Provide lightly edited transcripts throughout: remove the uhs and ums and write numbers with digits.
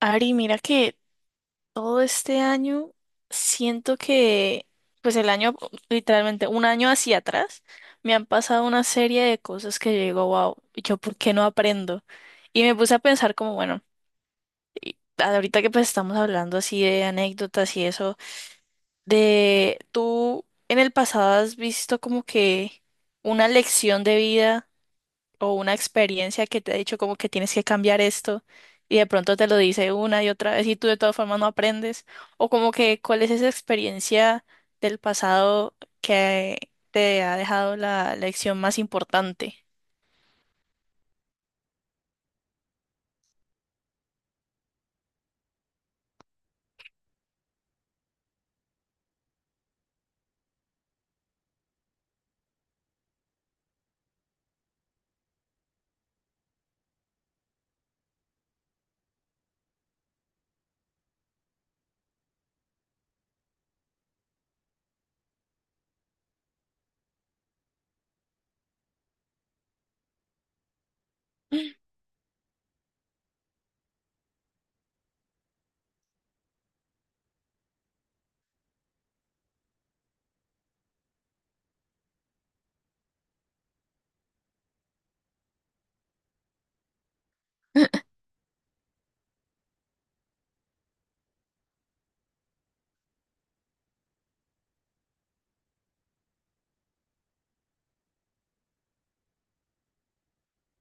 Ari, mira que todo este año siento que, pues el año, literalmente un año hacia atrás, me han pasado una serie de cosas que yo digo, wow, ¿yo por qué no aprendo? Y me puse a pensar como, bueno, ahorita que pues estamos hablando así de anécdotas y eso, de tú en el pasado has visto como que una lección de vida o una experiencia que te ha dicho como que tienes que cambiar esto y de pronto te lo dice una y otra vez y tú de todas formas no aprendes, o como que cuál es esa experiencia del pasado que te ha dejado la lección más importante.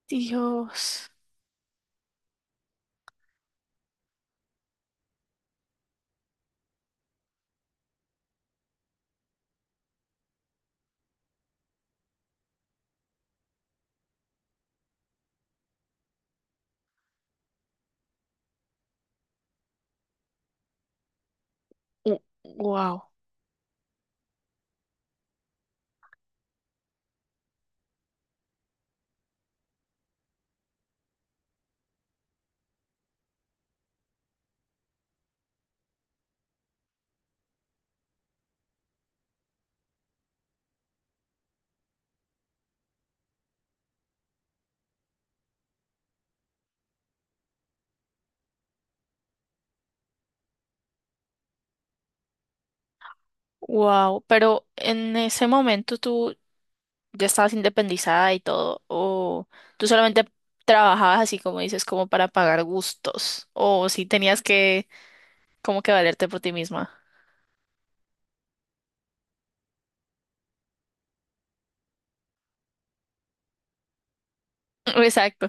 Dios, wow, wow, pero en ese momento tú ya estabas independizada y todo, o tú solamente trabajabas así como dices, como para pagar gustos, o si tenías que como que valerte por ti misma. Exacto.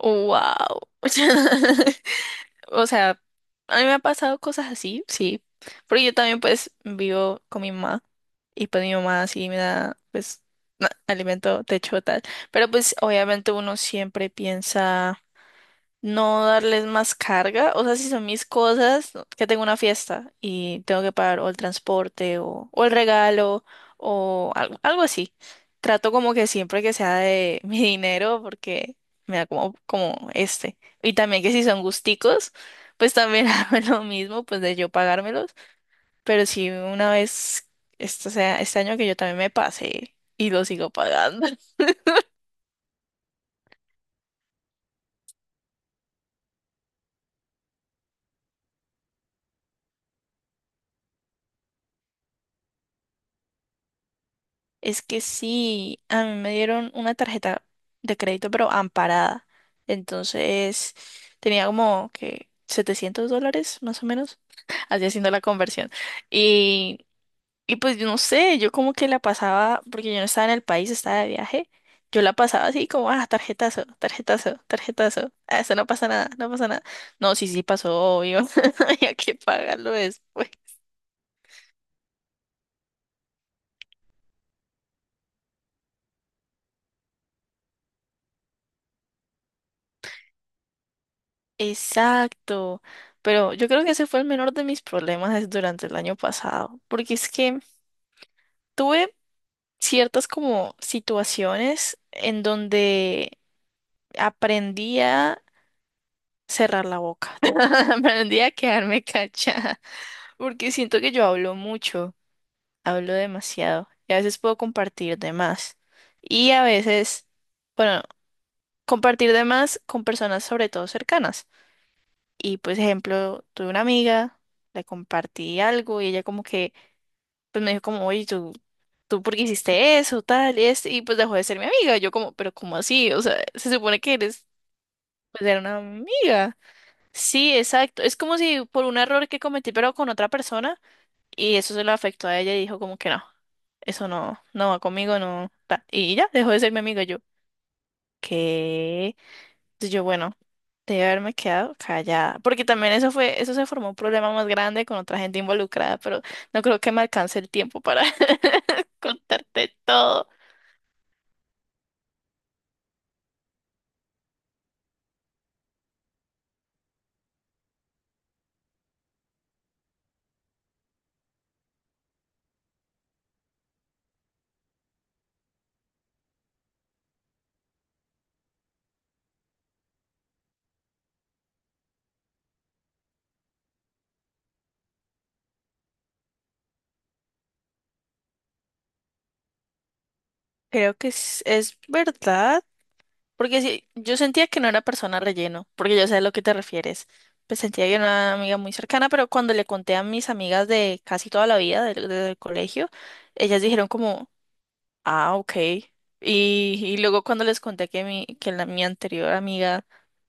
Wow. O sea, a mí me ha pasado cosas así, sí. Pero yo también pues vivo con mi mamá y pues mi mamá sí me da pues na- alimento, techo, tal. Pero pues obviamente uno siempre piensa no darles más carga. O sea, si son mis cosas, no- que tengo una fiesta y tengo que pagar o el transporte o el regalo o algo, algo así. Trato como que siempre que sea de mi dinero porque me da como, como este. Y también que si son gusticos, pues también hago lo mismo, pues de yo pagármelos. Pero si una vez, esto sea, este año que yo también me pasé y lo sigo pagando. Es que sí, a mí me dieron una tarjeta de crédito, pero amparada. Entonces tenía como que $700, más o menos, así haciendo la conversión. Y, y pues yo no sé, yo como que la pasaba, porque yo no estaba en el país, estaba de viaje, yo la pasaba así como, ah, tarjetazo, tarjetazo, tarjetazo. Ah, eso no pasa nada, no pasa nada. No, sí, sí pasó, obvio, había que pagarlo después. Exacto, pero yo creo que ese fue el menor de mis problemas es durante el año pasado, porque es que tuve ciertas como situaciones en donde aprendí a cerrar la boca, aprendí a quedarme callada, porque siento que yo hablo mucho, hablo demasiado, y a veces puedo compartir de más, y a veces, bueno, compartir de más con personas sobre todo cercanas. Y pues, ejemplo, tuve una amiga, le compartí algo y ella como que, pues me dijo como, oye, tú por qué hiciste eso, tal, y este, y pues dejó de ser mi amiga. Yo como, pero ¿cómo así? O sea, se supone que eres, pues era una amiga. Sí, exacto. Es como si por un error que cometí, pero con otra persona, y eso se lo afectó a ella y dijo como que no, eso no, no va conmigo, no, tal. Y ya, dejó de ser mi amiga yo. ¿Qué? Entonces yo, bueno, debe haberme quedado callada, porque también eso fue, eso se formó un problema más grande con otra gente involucrada, pero no creo que me alcance el tiempo para contarte todo. Creo que es verdad, porque sí, yo sentía que no era persona relleno, porque yo sé a lo que te refieres. Pues sentía que era una amiga muy cercana, pero cuando le conté a mis amigas de casi toda la vida del, del colegio, ellas dijeron como, ah, ok. Y luego cuando les conté que mi, que la, mi anterior amiga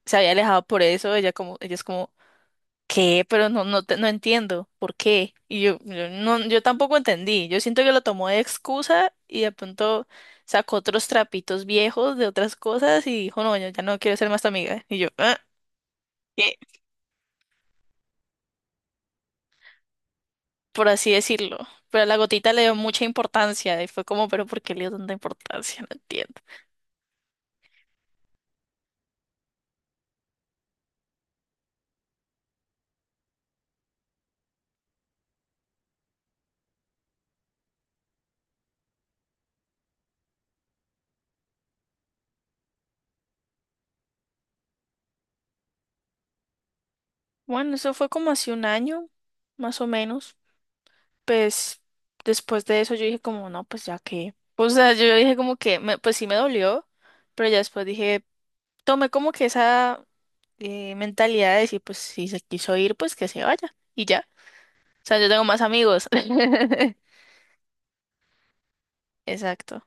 se había alejado por eso, ella como, ella es como, ¿qué? Pero no, no, te- no entiendo, ¿por qué? Y yo, yo tampoco entendí. Yo siento que lo tomó de excusa y de pronto sacó otros trapitos viejos de otras cosas y dijo, no, yo ya no quiero ser más tu amiga. Y yo, "Ah, ¿qué?", por así decirlo. Pero la gotita le dio mucha importancia y fue como, pero ¿por qué le dio tanta importancia? No entiendo. Bueno, eso fue como hace un año, más o menos. Pues después de eso yo dije como, no, pues ya que, o sea, yo dije como que, me- pues sí me dolió, pero ya después dije, tomé como que esa mentalidad de decir, pues si se quiso ir, pues que se vaya, y ya, o sea, yo tengo más amigos. Exacto,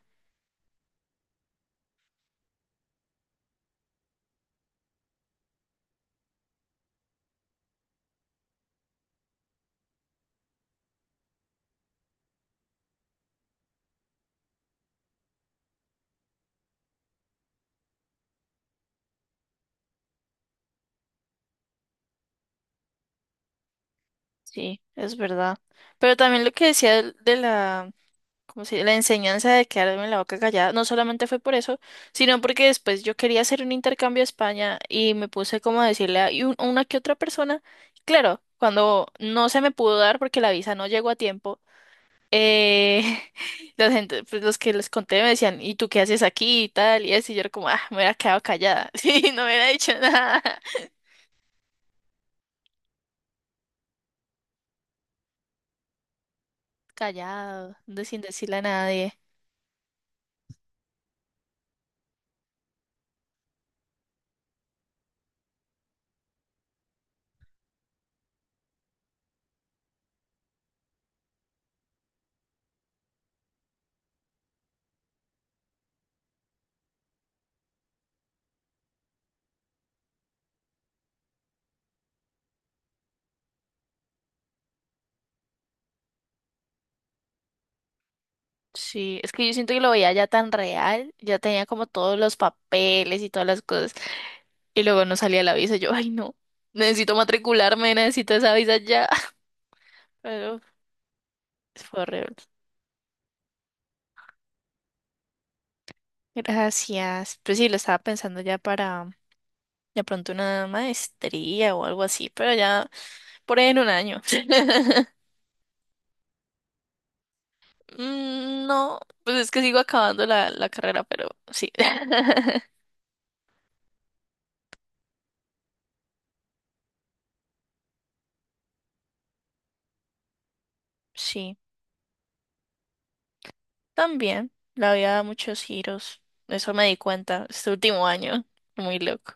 sí, es verdad. Pero también lo que decía del- de, la, como si la enseñanza de quedarme en la boca callada, no solamente fue por eso, sino porque después yo quería hacer un intercambio a España y me puse como a decirle a y un- a una que otra persona, claro, cuando no se me pudo dar porque la visa no llegó a tiempo, eh, la gente, pues los que les conté me decían, ¿y tú qué haces aquí y tal? Y así yo era como, ah, me hubiera quedado callada, sí, no me hubiera dicho nada, callado, de- sin decirle a nadie. Sí, es que yo siento que lo veía ya tan real, ya tenía como todos los papeles y todas las cosas. Y luego no salía la visa. Yo, ay, no, necesito matricularme, necesito esa visa ya. Pero pues, fue horrible. Gracias. Pues sí, lo estaba pensando ya para de pronto una maestría o algo así, pero ya por ahí en un año. Mm, no, pues es que sigo acabando la carrera, pero sí. Sí, también. La vida da muchos giros. Eso me di cuenta este último año. Muy loco.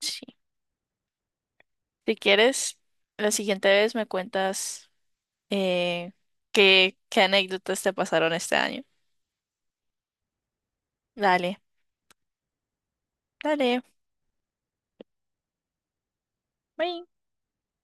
Sí. Si quieres, la siguiente vez me cuentas. eh, qué, qué anécdotas te pasaron este año. Dale, dale. Bye.